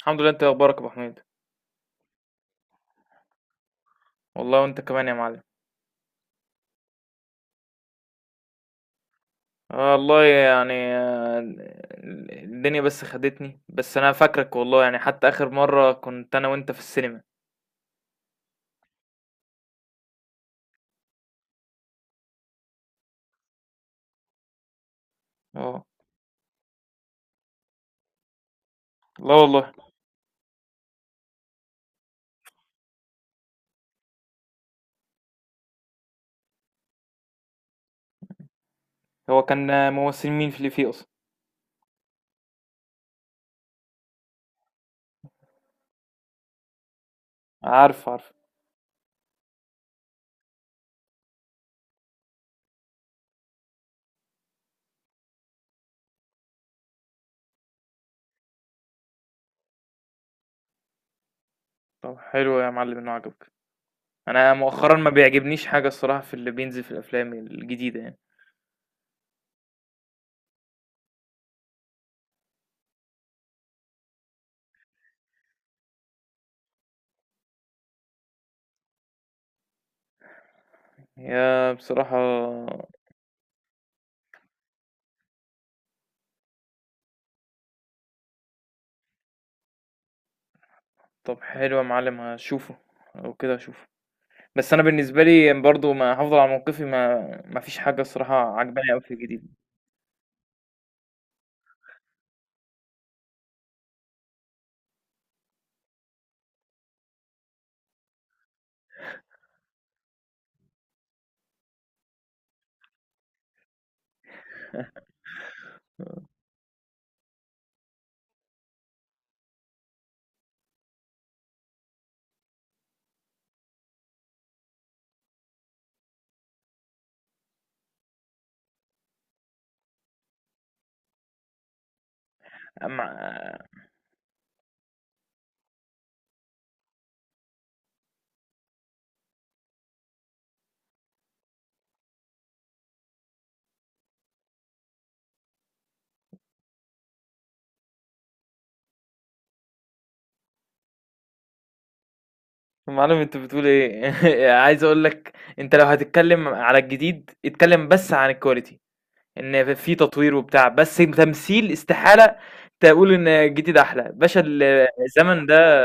الحمد لله، انت اخبارك يا ابو حميد؟ والله وانت كمان يا معلم. آه والله يعني آه، الدنيا بس خدتني، بس انا فاكرك والله يعني، حتى اخر مره كنت انا وانت في السينما. اه. لا والله. هو كان ممثل مين في اللي فيه اصلا؟ عارف عارف. طب حلو يا معلم انه عجبك. انا مؤخرا ما بيعجبنيش حاجه الصراحه في اللي بينزل في الافلام الجديده يعني. يا بصراحه. طب حلو يا معلم هشوفه وكده هشوفه. بس انا بالنسبه لي برضو ما هفضل على موقفي. ما فيش حاجه الصراحه عجباني قوي في الجديد. أما... معلم انت بتقول ايه؟ عايز اقول لك، انت لو هتتكلم على الجديد اتكلم بس عن الكواليتي، ان في تطوير وبتاع، بس تمثيل استحاله تقول ان الجديد احلى باشا الزمن ده.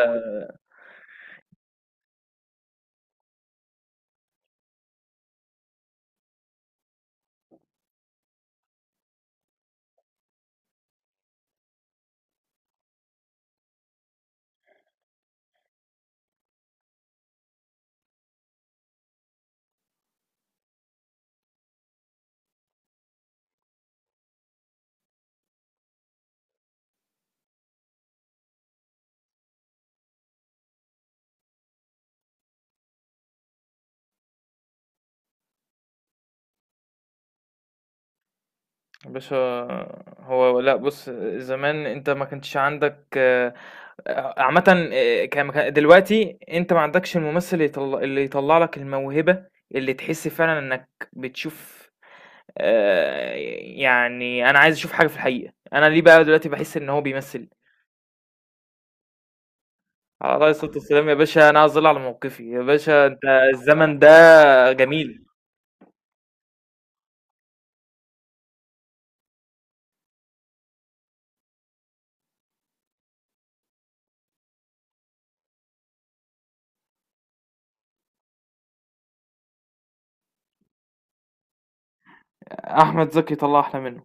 باشا هو لأ، بُص، زمان أنت ما كانش عندك عامةً، ك مك دلوقتي أنت ما عندكش الممثل اللي يطل، اللي يطلّع لك الموهبة، اللي تحس فعلًا إنّك بتشوف. آآ يعني أنا عايز أشوف حاجة في الحقيقة، أنا ليه بقى دلوقتي باحس إن هو بيمثّل؟ على عليه الصلاة والسلام يا باشا، أنا أظل على موقفي، يا باشا أنت الزمن ده جميل. أحمد زكي طلّع أحلى منّه.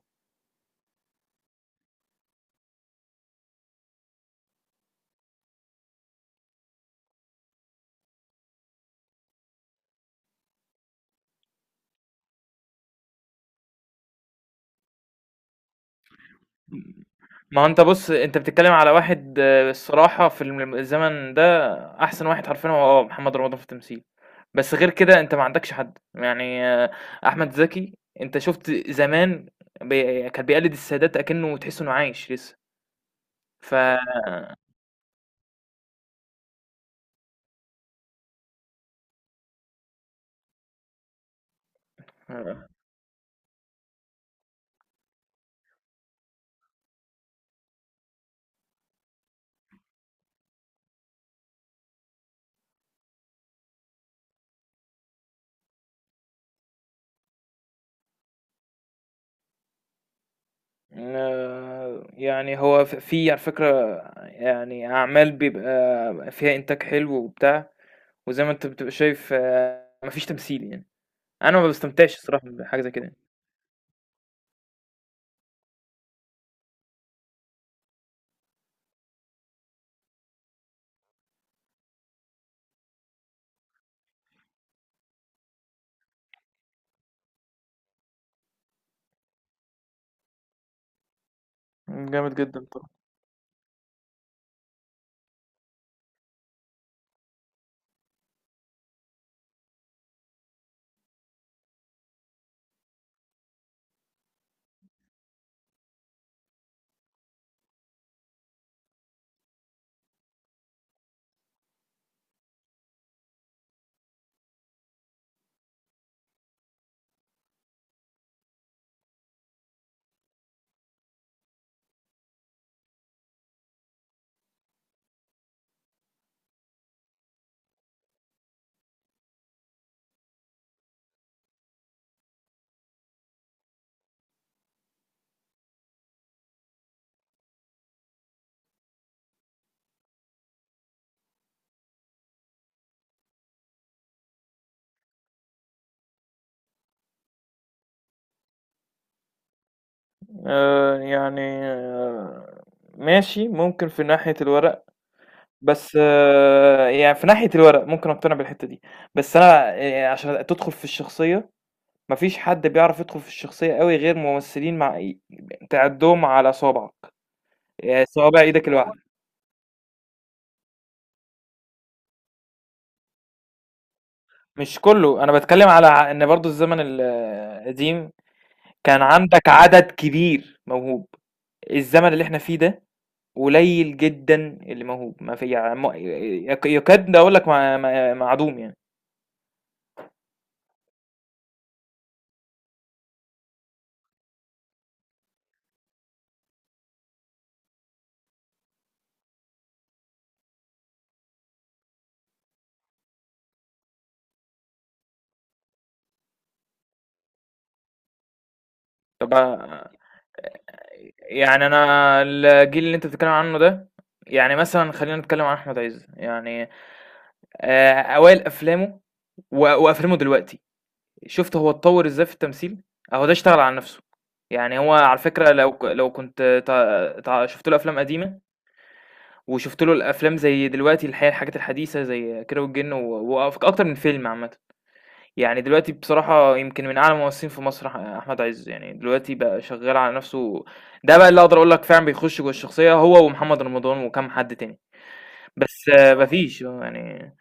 ما هو أنت بُص، أنت بتتكلّم على واحد الصراحة في الزمن ده أحسن واحد حرفيًا هو محمد رمضان في التمثيل. بس غير كده أنت ما عندكش حد، يعني أحمد زكي، أنت شُفت زمان بي كان بيقلد السادات أكنّه تحس إنه عايش لسه. ف يعني هو في على فكرة، يعني أعمال بيبقى فيها إنتاج حلو وبتاع، وزي ما أنت بتبقى شايف ما فيش تمثيل يعني. أنا ما باستمتعش الصراحة بحاجة زي كده يعني. جامد جدًا طبعًا. آه، يعني آه، ماشي، ممكن في ناحية الورق، بس يعني في ناحية الورق ممكن اقتنع بالحتة دي. بس انا عشان تدخل في الشخصية، مفيش حد بيعرف يدخل في الشخصية قوي غير ممثلين مع تعدهم على صوابعك، يعني صوابع ايدك الواحدة. مش كله، انا بتكلم على ان برضو الزمن القديم كان عندك عدد كبير موهوب. الزمن اللي احنا فيه ده قليل جدًا اللي موهوب، ما في يع م يك يكاد أقول لك ما معدوم يعني. طب يعني أنا الجيل اللي أنت بتتكلم عنه ده، يعني مثلًا خلّينا نتكلم عن أحمد عز، يعني أوائل أفلامه وأفلامه دلوقتي، شُفت هو اتطوّر إزاي في التمثيل؟ أهو ده اشتغل على نَفْسه، يعني هو على فكرة لو كنت ت ت شُفت له أفلام قديمة وشُفت له الأفلام زي دلوقتي الحاجات الحديثة زي كيرة والجن و أكتر من فيلم عامةً. يعني دلوقتي بصراحة يمكن من أعلى الممثلين في مصر أحمد عز، يعني دلوقتي بقى شغال على نفسه. ده بقى اللي أقدر أقول لك فعلا بيخش جوه الشخصية، هو ومحمد رمضان وكم حد تاني. بس مفيش يعني.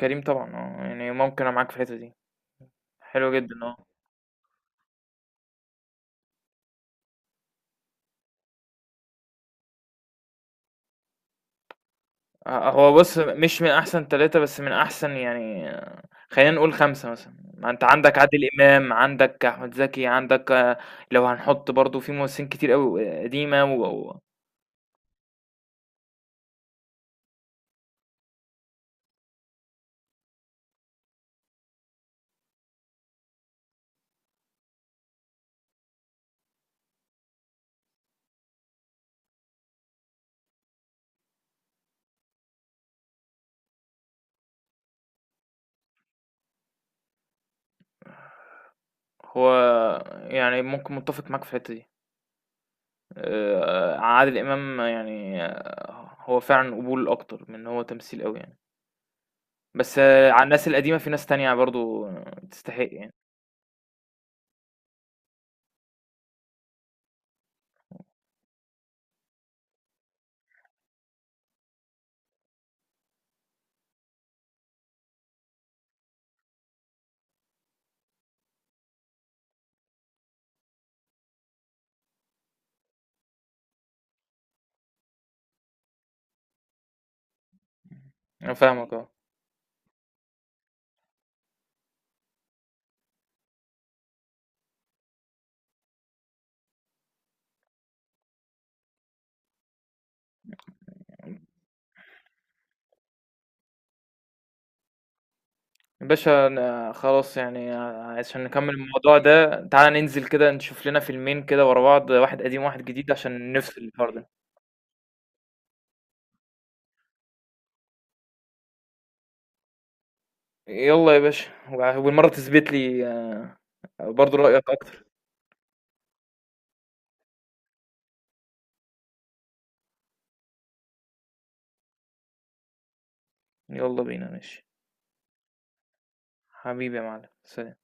كريم طبعا اه، يعني ممكن أنا معاك في الحتة دي، حلو جدا اه. هو بص مش من أحسن ثلاثة بس من أحسن، يعني خلينا نقول خمسة مثلا، ما أنت عندك عادل إمام، عندك أحمد زكي، عندك لو هنحط برضو في ممثلين كتير أوي قديمة وهو. يعني ممكن متفق معاك في الحتة دي. عادل إمام يعني هو فعلًا قبول أكتر من إن هو تمثيل أوي يعني. بس على الناس القديمة في ناس تانية برضه تستحق يعني. أنا فاهمك آه. يا باشا أنا خلاص، يعني عشان نكمّل الموضوع ده تعالَ ننزل كده نشوف لنا فيلمين كده ورا بعض، واحد قديم وواحد جديد، عشان نفصل الحوار ده. يالّا يا باشا، والمرّة تثبت لي برضه رأيك أكتر. يالّا بينا ماشي. حبيبي يا معلم، سلام.